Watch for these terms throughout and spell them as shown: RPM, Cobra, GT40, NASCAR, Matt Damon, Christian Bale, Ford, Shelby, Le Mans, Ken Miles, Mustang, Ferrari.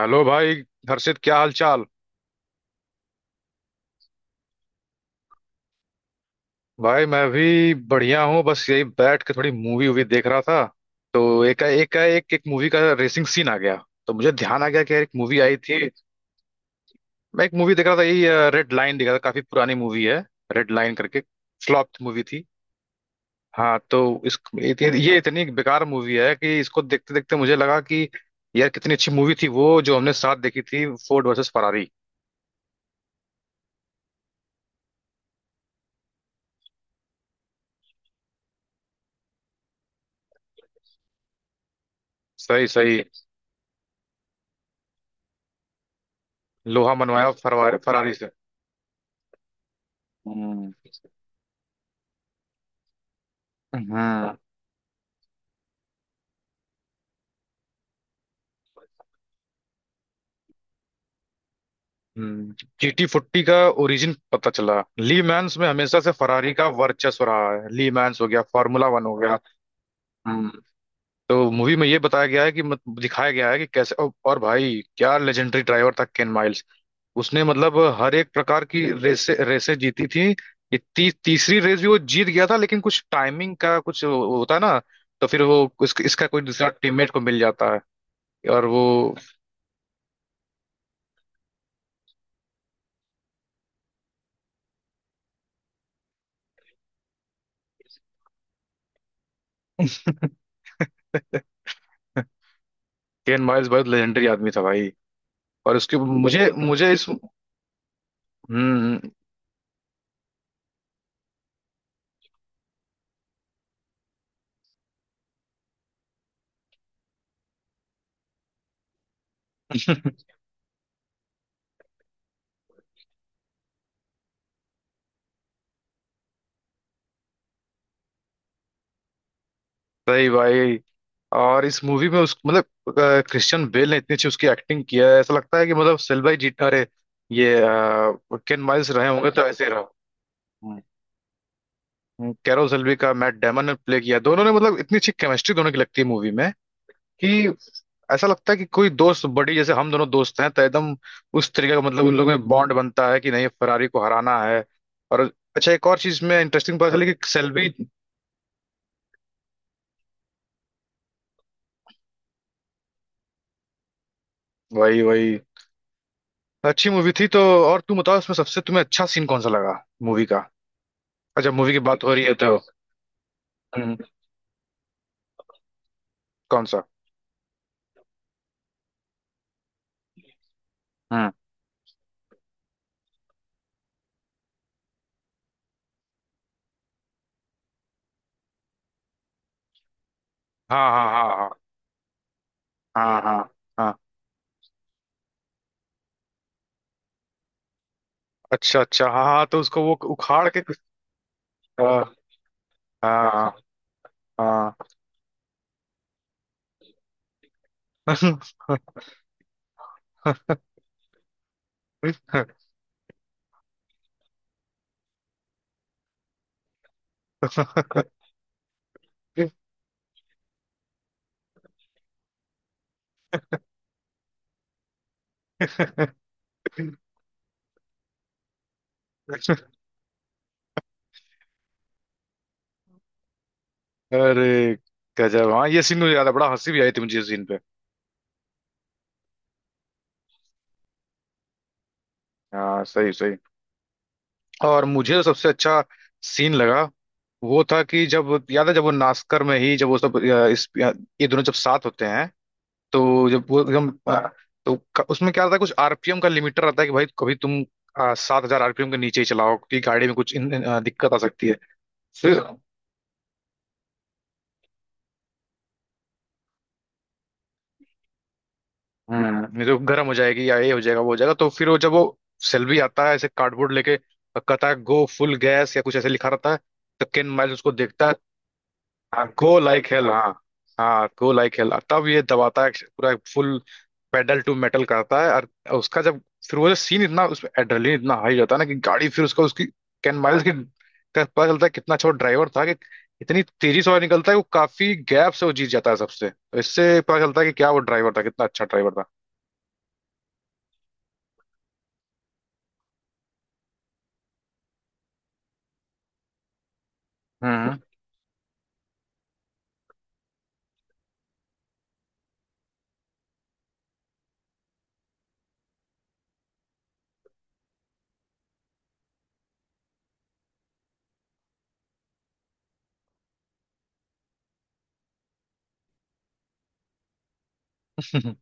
Hello भाई। हर्षित, क्या हाल चाल? भाई मैं भी बढ़िया हूँ, बस यही बैठ के थोड़ी मूवी वूवी देख रहा था। तो एक एक एक एक मूवी का रेसिंग सीन आ गया, तो मुझे ध्यान आ गया कि यार एक मूवी आई थी। मैं एक मूवी देख रहा था यही, रेड लाइन देख रहा था, काफी पुरानी मूवी है, रेड लाइन करके, फ्लॉप मूवी थी। हाँ तो इस ये इतनी बेकार मूवी है कि इसको देखते देखते मुझे लगा कि यार कितनी अच्छी मूवी थी वो जो हमने साथ देखी थी, फोर्ड वर्सेस फरारी। सही सही। लोहा मनवाया फरारी से। हम्म, हम्म, हम्म। GT40 का ओरिजिन पता चला। ली मैंस में हमेशा से फरारी का वर्चस्व रहा है, ली मैंस हो गया, फार्मूला 1 हो गया। हम्म। तो मूवी में ये बताया गया है कि मत, दिखाया गया है कि कैसे और भाई क्या लेजेंडरी ड्राइवर था केन माइल्स। उसने मतलब हर एक प्रकार की रेसे रेसे जीती थी। तीसरी रेस भी वो जीत गया था, लेकिन कुछ टाइमिंग का कुछ होता है ना। तो फिर वो इसका कोई दूसरा टीममेट को मिल जाता है, और वो केन माइल्स बहुत लेजेंडरी आदमी था भाई। और उसके मुझे मुझे इस। हम्म। सही भाई। और इस मूवी में उस मतलब क्रिश्चियन बेल ने इतनी अच्छी उसकी एक्टिंग किया है, ऐसा लगता है कि मतलब सेल्वी जी, अरे ये केन माइल्स रहे होंगे तो ऐसे ही रहो। हम्म, कैरल सेल्वी का मैट डेमन ने प्ले किया, दोनों ने मतलब इतनी अच्छी केमिस्ट्री दोनों की लगती है मूवी में, कि ऐसा लगता है कि कोई दोस्त बड़ी जैसे हम दोनों दोस्त हैं तो एकदम उस तरीके का, मतलब उन लोगों में बॉन्ड बनता है कि नहीं फरारी को हराना है। और अच्छा एक और चीज में इंटरेस्टिंग पता चली कि सेल्वी। वही वही, अच्छी मूवी थी तो। और तुम बताओ इसमें सबसे तुम्हें अच्छा सीन कौन सा लगा, मूवी का? अच्छा, मूवी की बात हो रही है तो। हम्म, कौन सा? हम्म। हाँ हाँ, हाँ, हाँ। हाँ, हाँ, हाँ। अच्छा अच्छा, हाँ हाँ, तो उसको वो उखाड़ के कुछ। हाँ, हाँ, हाँ। अरे गजब। हाँ, ये सीन मुझे याद है, बड़ा हंसी भी आई थी मुझे इस सीन पे। हाँ सही सही। और मुझे जो सबसे अच्छा सीन लगा वो था कि जब याद है जब वो नास्कर में ही जब वो सब इस ये दोनों जब साथ होते हैं, तो जब वो एकदम तो उसमें क्या रहता है कुछ आरपीएम का लिमिटर रहता है कि भाई कभी तुम 7,000 आरपीएम के नीचे ही चलाओ, क्योंकि गाड़ी में कुछ इन, इन, अ, दिक्कत आ सकती है। फिर। नहीं तो गर्म हो जाएगी या ये हो जाएगा वो हो जाएगा। तो फिर वो जब वो सेल्वी आता है ऐसे कार्डबोर्ड लेके और कहता है गो फुल गैस या कुछ ऐसे लिखा रहता है, तो केन माइल्स उसको देखता है। हाँ गो लाइक हेल, हाँ। हाँ गो लाइक हेल, तब ये दबाता है पूरा फुल, पेडल टू मेटल करता है, और उसका जब फिर वो जो सीन इतना उसमें एड्रेनलिन इतना हाई रहता है ना कि गाड़ी, फिर उसका उसकी कैन माइल्स की का पता चलता है कितना अच्छा ड्राइवर था, कि इतनी तेजी से वो निकलता है वो काफी गैप से वो जीत जाता है सबसे। तो इससे पता चलता है कि क्या वो ड्राइवर था, कितना अच्छा ड्राइवर था। हम्म।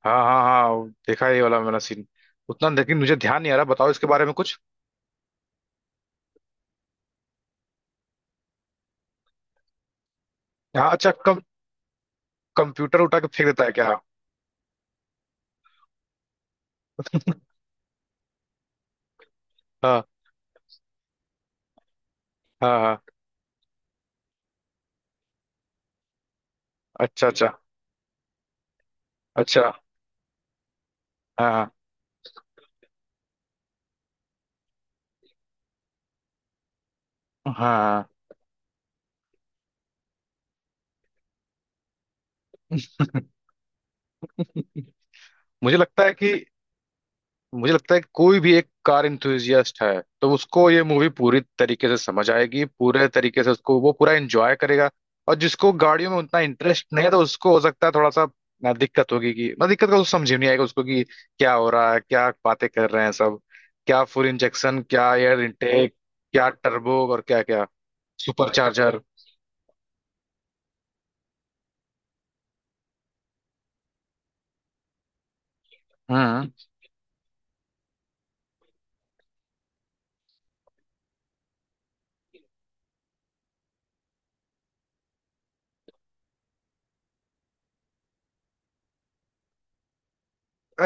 हाँ हाँ हाँ, वो देखा है ये वाला मैंने सीन, उतना लेकिन मुझे ध्यान नहीं आ रहा, बताओ इसके बारे में कुछ। हाँ अच्छा, कम कंप्यूटर उठा के फेंक देता है क्या? हाँ। हाँ हाँ। अच्छा अच्छा। अच्छा। हाँ। हाँ। मुझे लगता है कि मुझे लगता है कि कोई भी एक कार इंथुजियास्ट है तो उसको ये मूवी पूरी तरीके से समझ आएगी, पूरे तरीके से उसको वो पूरा एंजॉय करेगा। और जिसको गाड़ियों में उतना इंटरेस्ट नहीं है तो उसको हो सकता है थोड़ा सा ना दिक्कत होगी कि ना दिक्कत का उसको समझ ही नहीं आएगा उसको, कि क्या हो रहा है, क्या बातें कर रहे हैं सब, क्या फुल इंजेक्शन, क्या एयर इनटेक, क्या टर्बो, और क्या क्या सुपर चार्जर। हम्म।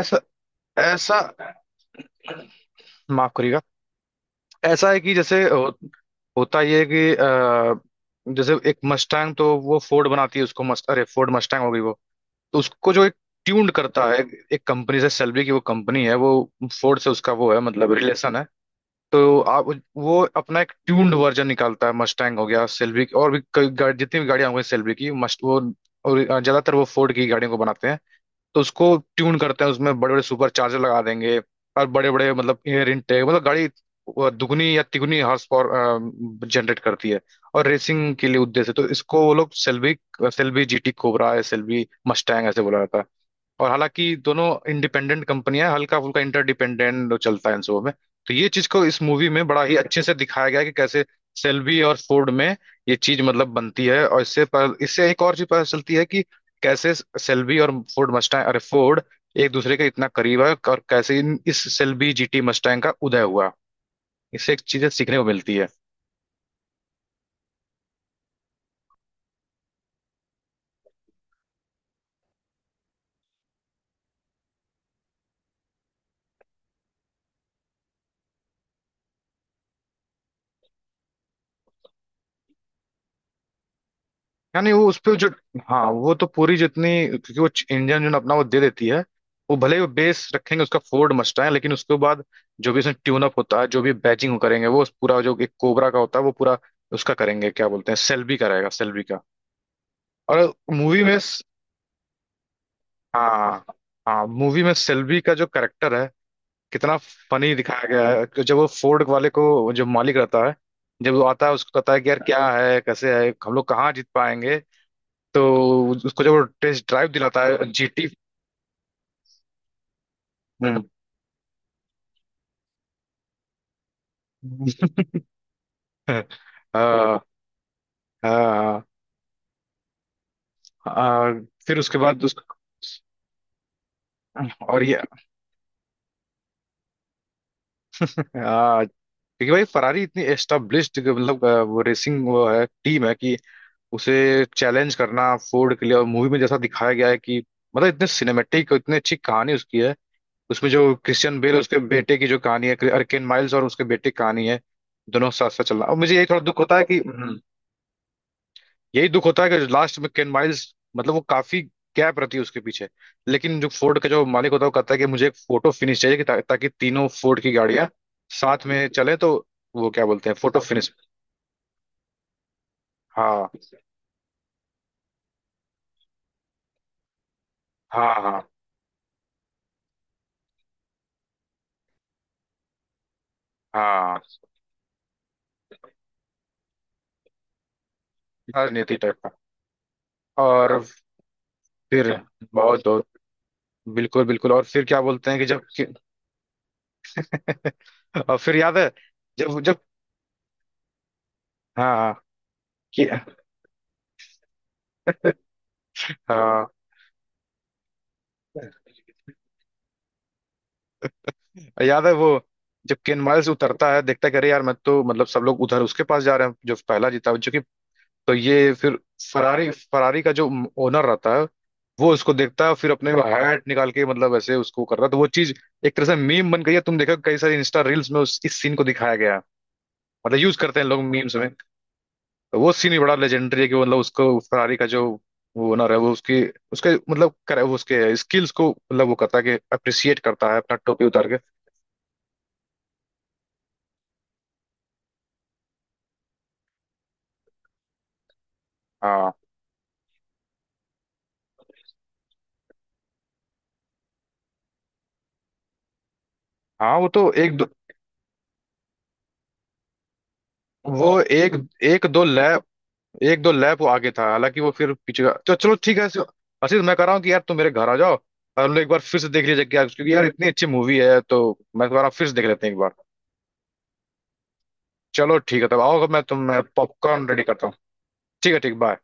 ऐसा ऐसा माफ करिएगा। ऐसा है कि जैसे होता ये है कि जैसे एक मस्टैंग तो वो फोर्ड बनाती है, उसको मस्ट, अरे फोर्ड मस्टैंग हो गई वो। तो उसको जो एक ट्यून्ड करता है, एक कंपनी, से सेल्बी की वो कंपनी है वो, फोर्ड से उसका वो है मतलब रिलेशन है। तो आप, वो अपना एक ट्यून्ड वर्जन निकालता है, मस्टैंग हो गया सेल्बी, और भी कई जितनी भी गाड़ियां हो गई सेल्बी की मस्ट वो। और ज्यादातर वो फोर्ड की गाड़ियों को बनाते हैं, तो उसको ट्यून करते हैं, उसमें बड़े बड़े सुपर चार्जर लगा देंगे, और बड़े बड़े मतलब एयर इनटेक, मतलब गाड़ी वो दुगनी या तिगुनी हॉर्स पावर जनरेट करती है और रेसिंग के लिए उद्देश्य है। तो इसको वो लोग सेल्बी सेल्बी जीटी कोबरा या सेल्बी मस्टैंग ऐसे बोला जाता है। और हालांकि दोनों इंडिपेंडेंट कंपनियां, हल्का फुल्का इंटरडिपेंडेंट चलता है इन सबों में। तो ये चीज को इस मूवी में बड़ा ही अच्छे से दिखाया गया है कि कैसे सेल्बी और फोर्ड में ये चीज मतलब बनती है, और इससे इससे एक और चीज पता चलती है कि कैसे सेल्बी और फोर्ड मस्टैंग, अरे फोर्ड एक दूसरे के इतना करीब है, और कैसे इस सेल्बी जीटी मस्टैंग का उदय हुआ, इससे एक चीजें सीखने को मिलती है। यानी वो उस पे जो। हाँ वो तो पूरी जितनी, क्योंकि वो इंजन जो ना अपना वो दे देती है, वो भले ही वो बेस रखेंगे उसका फोर्ड मस्टैंग, लेकिन उसके बाद जो भी उसमें ट्यून अप होता है, जो भी बैचिंग वो करेंगे, वो उस पूरा जो एक कोबरा का होता है वो पूरा उसका करेंगे, क्या बोलते हैं, सेल्बी का रहेगा सेल्बी का। और मूवी में। हाँ हाँ, मूवी में सेल्वी का जो करेक्टर है कितना फनी दिखाया गया है, कि जब वो फोर्ड वाले को, जो मालिक रहता है, जब वो आता है उसको कहता है कि यार क्या है, कैसे है, हम लोग कहाँ जीत पाएंगे। तो उसको जब वो टेस्ट ड्राइव दिलाता है जीटी। हम्म। हाँ। हाँ, हाँ, फिर उसके बाद उस। और ये। हाँ, क्योंकि भाई फरारी इतनी एस्टाब्लिश्ड मतलब वो रेसिंग वो है टीम है, कि उसे चैलेंज करना फोर्ड के लिए। और मूवी में जैसा दिखाया गया है कि मतलब इतने सिनेमेटिक और इतनी अच्छी कहानी उसकी है, उसमें जो क्रिश्चियन बेल उसके बेटे की जो कहानी है, अर्केन माइल्स और उसके बेटे की कहानी है, दोनों साथ साथ चलना, और मुझे यही थोड़ा दुख होता है कि यही दुख होता है कि लास्ट में केन माइल्स मतलब वो काफी गैप रहती है उसके पीछे। लेकिन जो फोर्ड का जो मालिक होता है वो कहता है कि मुझे एक फोटो फिनिश चाहिए, कि ताकि तीनों फोर्ड की गाड़ियां साथ में चले। तो वो क्या बोलते हैं, फोटो फिनिश। हाँ, हाँ, हाँ, हाँ। राजनीति टाइप का। और फिर बहुत बहुत, बिल्कुल बिल्कुल। और फिर क्या बोलते हैं कि और फिर याद है जब जब, हाँ हाँ, कि- हाँ याद है वो जब केन माइल्स उतरता है देखता है कि अरे यार, मैं तो मतलब सब लोग उधर उसके पास जा रहे हैं जो पहला जीता जो कि। तो ये फिर फरारी फरारी का जो ओनर रहता है वो उसको देखता है फिर अपने हैट निकाल के मतलब ऐसे उसको कर रहा है। तो वो चीज एक तरह से मीम बन गई है, तुम देखो कई सारी इंस्टा रील्स में उस इस सीन को दिखाया गया है, मतलब यूज करते हैं लोग मीम्स में। वो सीन भी बड़ा लेजेंडरी है, कि वो मतलब उसको फरारी का जो वो ओनर है, वो उसकी उसके मतलब करे वो उसके स्किल्स को मतलब वो करता है, कि अप्रिसिएट करता है अपना टोपी उतार के। हाँ हाँ, वो तो एक दो, वो एक एक दो लैप, एक दो लैप वो आगे था, हालांकि वो फिर पीछे का तो चलो ठीक है, आशीष मैं कह रहा हूँ कि यार तुम मेरे घर आ जाओ और हम लोग एक बार फिर से देख लीजिए क्या, क्योंकि यार इतनी अच्छी मूवी है, तो मैं दोबारा फिर से देख लेते हैं एक बार। चलो ठीक है तब आओ, मैं तुम, मैं पॉपकॉर्न रेडी करता हूँ। ठीक है, ठीक, बाय।